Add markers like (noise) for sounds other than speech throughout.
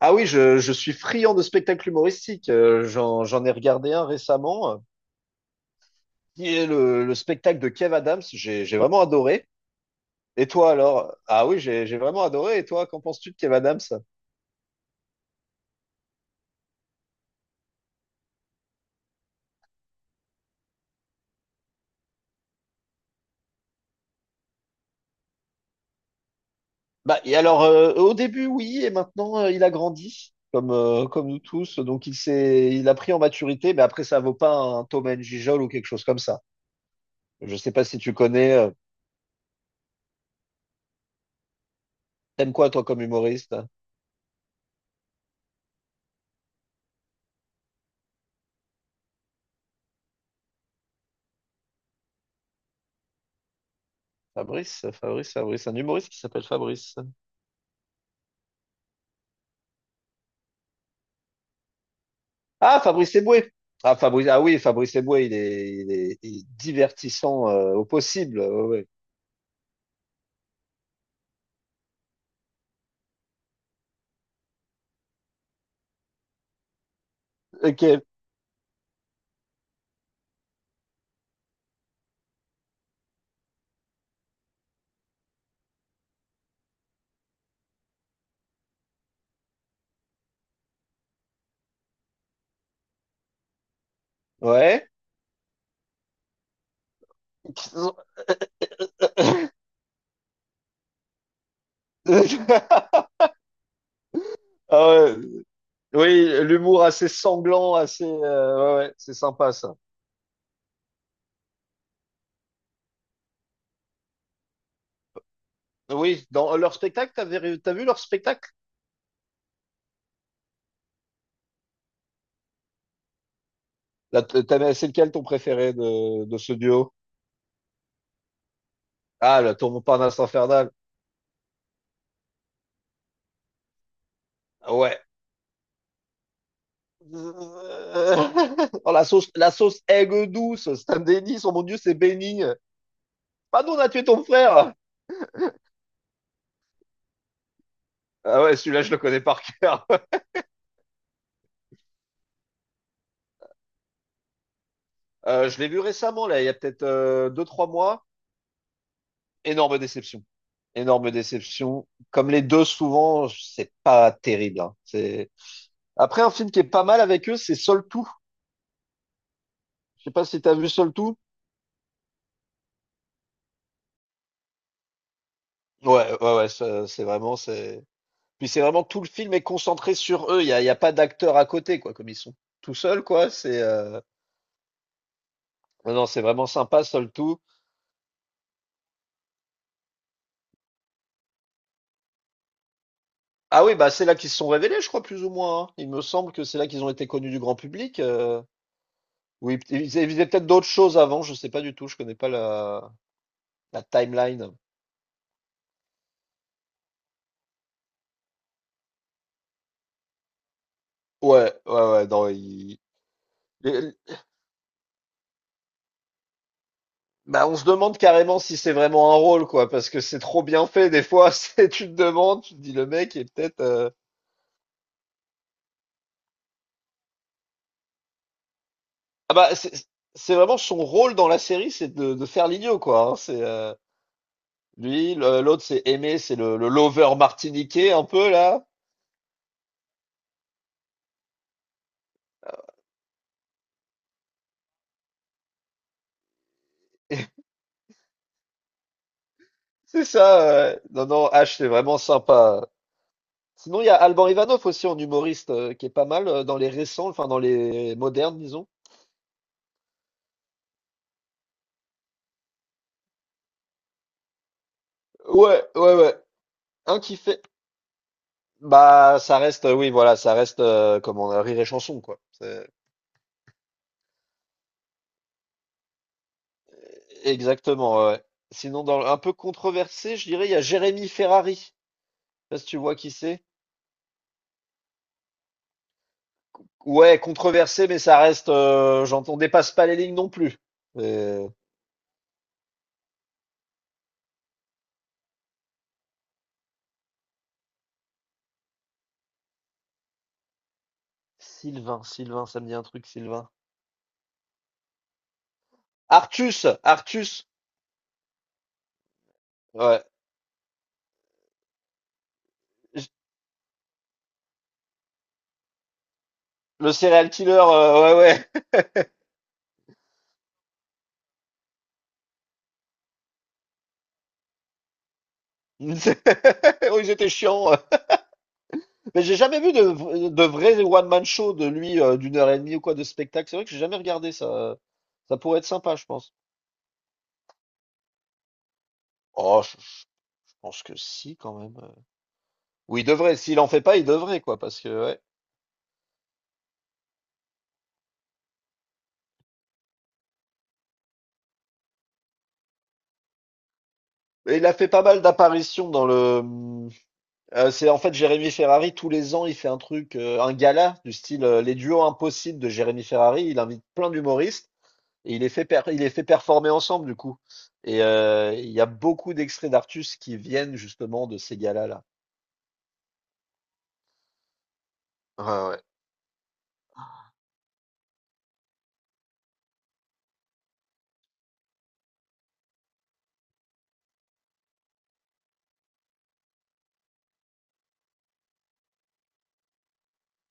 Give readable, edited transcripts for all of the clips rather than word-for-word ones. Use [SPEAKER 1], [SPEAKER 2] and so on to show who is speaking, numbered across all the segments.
[SPEAKER 1] Ah oui, je suis friand de spectacles humoristiques. J'en ai regardé un récemment, qui est le spectacle de Kev Adams. J'ai vraiment adoré. Et toi alors? Ah oui, j'ai vraiment adoré. Et toi, qu'en penses-tu de Kev Adams? Bah, et alors, au début, oui, et maintenant, il a grandi, comme, comme nous tous. Donc, il a pris en maturité, mais après, ça vaut pas un Tom and Gijol ou quelque chose comme ça. Je sais pas si tu connais. T'aimes quoi, toi, comme humoriste? Un humoriste qui s'appelle Fabrice. Ah, Fabrice Eboué. Ah, Fabrice Eboué, il est divertissant au possible. Ouais, ouais. Ok. Ouais. (laughs) Ah ouais. Oui, l'humour assez sanglant, assez, ouais, ouais, c'est sympa ça. Oui, dans leur spectacle, t'as vu leur spectacle? C'est lequel ton préféré de ce duo? Ah, le tour Montparnasse infernal. Ouais. (laughs) Oh, la sauce aigre douce, Stan Denis, oh mon Dieu, c'est béni. Pardon, on a tué ton frère. Ah ouais, celui-là, je le connais par cœur. (laughs) Je l'ai vu récemment, là, il y a peut-être deux, trois mois. Énorme déception. Énorme déception. Comme les deux, souvent, c'est pas terrible, hein. C'est... Après, un film qui est pas mal avec eux, c'est Sol Tout. Je sais pas si t'as vu Sol Tout. Ouais, ouais, ouais, ça, c'est vraiment, c'est. Puis c'est vraiment tout le film est concentré sur eux. Il y a pas d'acteurs à côté, quoi, comme ils sont tout seuls, quoi. C'est, non, non, c'est vraiment sympa, Sol Tout. Ah oui, bah c'est là qu'ils se sont révélés, je crois, plus ou moins, hein. Il me semble que c'est là qu'ils ont été connus du grand public. Oui, ils avaient peut-être d'autres choses avant, je sais pas du tout, je connais pas la timeline. Ouais, ouais, ouais, non, il- les- bah, on se demande carrément si c'est vraiment un rôle, quoi, parce que c'est trop bien fait, des fois, (laughs) c'est, tu te demandes, tu te dis, le mec est peut-être, ah bah, c'est vraiment son rôle dans la série, c'est de faire l'idiot, quoi, hein, c'est, lui, l'autre, c'est Aimé, c'est le lover martiniquais, un peu, là, (laughs) c'est ça, non, non, H, c'est vraiment sympa. Sinon, il y a Alban Ivanov aussi en humoriste qui est pas mal dans les récents, enfin dans les modernes, disons. Ouais, ouais, ouais. Un qui fait. Bah, ça reste, oui, voilà, ça reste comment rire et chanson, quoi. C'est- Exactement, ouais, ouais. Sinon, dans un peu controversé, je dirais, il y a Jérémy Ferrari. Je sais pas si tu vois qui c'est. Ouais, controversé, mais ça reste. J'entends, on dépasse pas les lignes non plus. Euh, ça me dit un truc, Sylvain. Artus. Ouais. J- Le serial killer, ouais, ouais. (laughs) Oui, c'était chiant. Mais j'ai jamais vu de vrai one-man show de lui d'une heure et demie ou quoi de spectacle. C'est vrai que j'ai jamais regardé ça. Ça pourrait être sympa, je pense. Je pense que si, quand même. Oui, il devrait. S'il en fait pas, il devrait, quoi, parce que ouais. Et il a fait pas mal d'apparitions dans le. C'est en fait Jérémy Ferrari. Tous les ans, il fait un truc, un gala du style les duos impossibles de Jérémy Ferrari. Il invite plein d'humoristes. Et il les fait il les fait performer ensemble, du coup. Et il y a beaucoup d'extraits d'Artus qui viennent justement de ces galas-là. Ouais,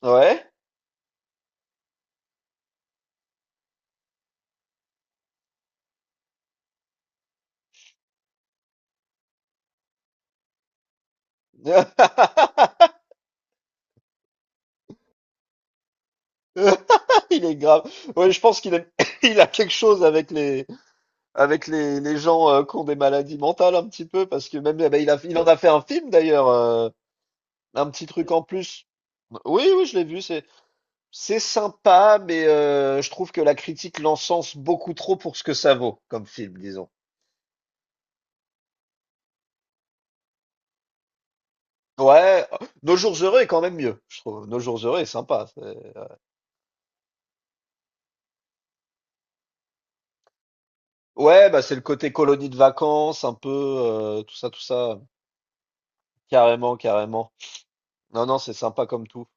[SPEAKER 1] ouais. Ouais? (laughs) Il est grave. Ouais, je pense (laughs) il a quelque chose avec les, les gens qui ont des maladies mentales un petit peu, parce que même, eh ben, il en a fait un film d'ailleurs, un petit truc en plus. Oui, oui, je l'ai vu, c'est sympa, mais je trouve que la critique l'encense beaucoup trop pour ce que ça vaut comme film, disons. Ouais, Nos jours heureux est quand même mieux, je trouve. Nos jours heureux est sympa. C'est- Ouais, bah c'est le côté colonie de vacances, un peu tout ça, tout ça. Carrément, carrément. Non, non, c'est sympa comme tout.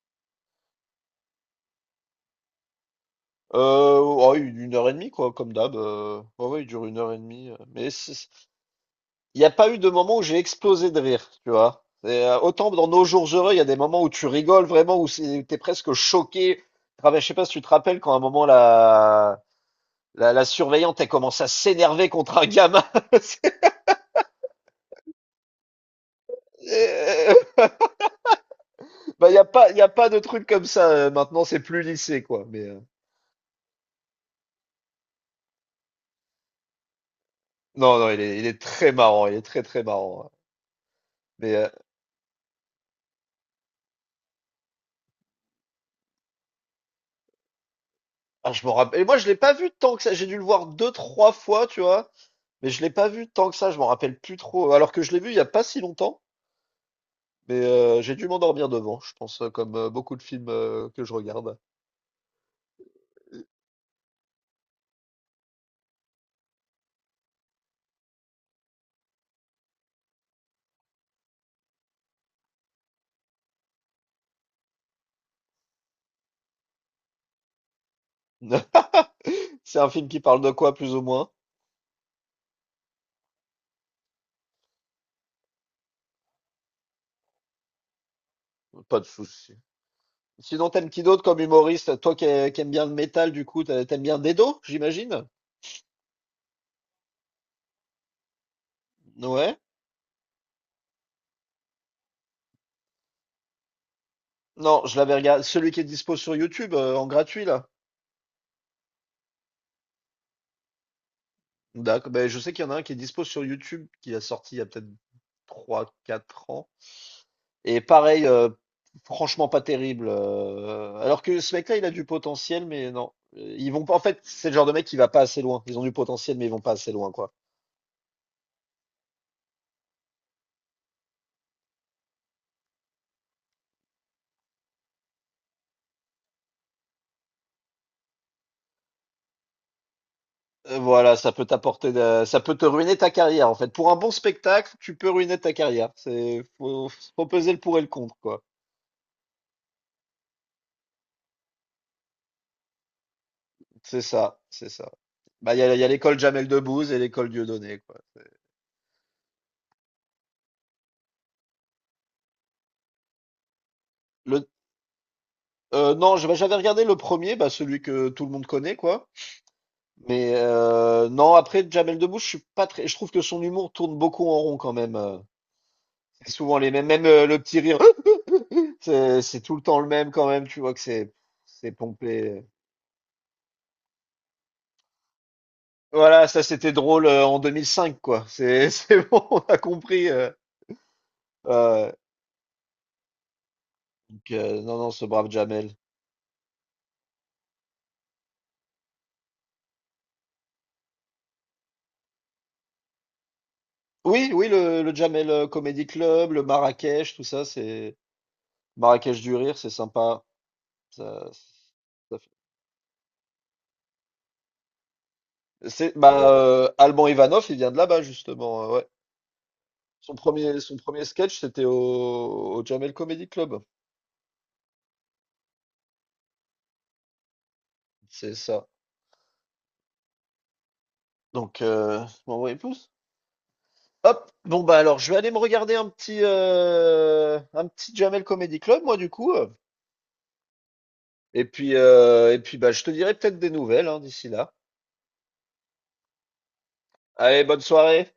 [SPEAKER 1] Ouais, une heure et demie quoi, comme d'hab. Ouais, ouais, il dure une heure et demie. Mais c'est- il n'y a pas eu de moment où j'ai explosé de rire, tu vois. C'est, autant dans Nos jours heureux, il y a des moments où tu rigoles vraiment, où c'est- t'es presque choqué. Ah, mais je sais pas si tu te rappelles quand à un moment la surveillante elle commence à s'énerver contre un gamin. (laughs) Euh, bah, y a pas de truc comme ça, maintenant, c'est plus lycée, quoi. Mais non, non, il est très marrant. Il est très, très marrant. Ouais. Mais ah, je m'en rappelle. Et moi, je l'ai pas vu tant que ça. J'ai dû le voir deux, trois fois, tu vois. Mais je l'ai pas vu tant que ça. Je m'en rappelle plus trop. Alors que je l'ai vu il y a pas si longtemps. Mais j'ai dû m'endormir devant, je pense, comme beaucoup de films que je regarde. (laughs) C'est un film qui parle de quoi, plus ou moins? Pas de souci. Sinon, t'aimes qui d'autre comme humoriste? Toi qui aimes bien le métal, du coup, t'aimes bien Dedo, j'imagine? Ouais. Non, je l'avais regardé. Celui qui est dispo sur YouTube en gratuit là. D'accord. Ben, je sais qu'il y en a un qui est dispo sur YouTube qui a sorti il y a peut-être trois, quatre ans. Et pareil, franchement pas terrible, alors que ce mec-là, il a du potentiel, mais non. Ils vont pas. En fait, c'est le genre de mec qui va pas assez loin. Ils ont du potentiel, mais ils vont pas assez loin, quoi. Voilà, ça peut te ruiner ta carrière en fait. Pour un bon spectacle, tu peux ruiner ta carrière. Faut peser le pour et le contre quoi. C'est ça, c'est ça. Bah il y a l'école Jamel Debbouze et l'école Dieudonné quoi. Le, non, je- Bah, j'avais regardé le premier, bah celui que tout le monde connaît quoi. Mais non, après Jamel Debbouze, je suis pas très, je trouve que son humour tourne beaucoup en rond quand même. C'est souvent les mêmes, même le petit rire, (laughs) c'est tout le temps le même quand même. Tu vois que c'est pompé. Voilà, ça c'était drôle en 2005, quoi. C'est (laughs) c'est bon, on a compris. Euh, donc, non, non, ce brave Jamel. Oui, oui, le Jamel Comedy Club, le Marrakech, tout ça, c'est Marrakech du rire, c'est sympa. Ça- ça C'est bah Alban Ivanov, il vient de là-bas justement, ouais. Son premier sketch, c'était au Jamel Comedy Club. C'est ça. Donc, m'envoyer plus. Hop, bon bah alors je vais aller me regarder un petit Jamel Comedy Club moi du coup. Euh. Et puis bah je te dirai peut-être des nouvelles hein, d'ici là. Allez, bonne soirée.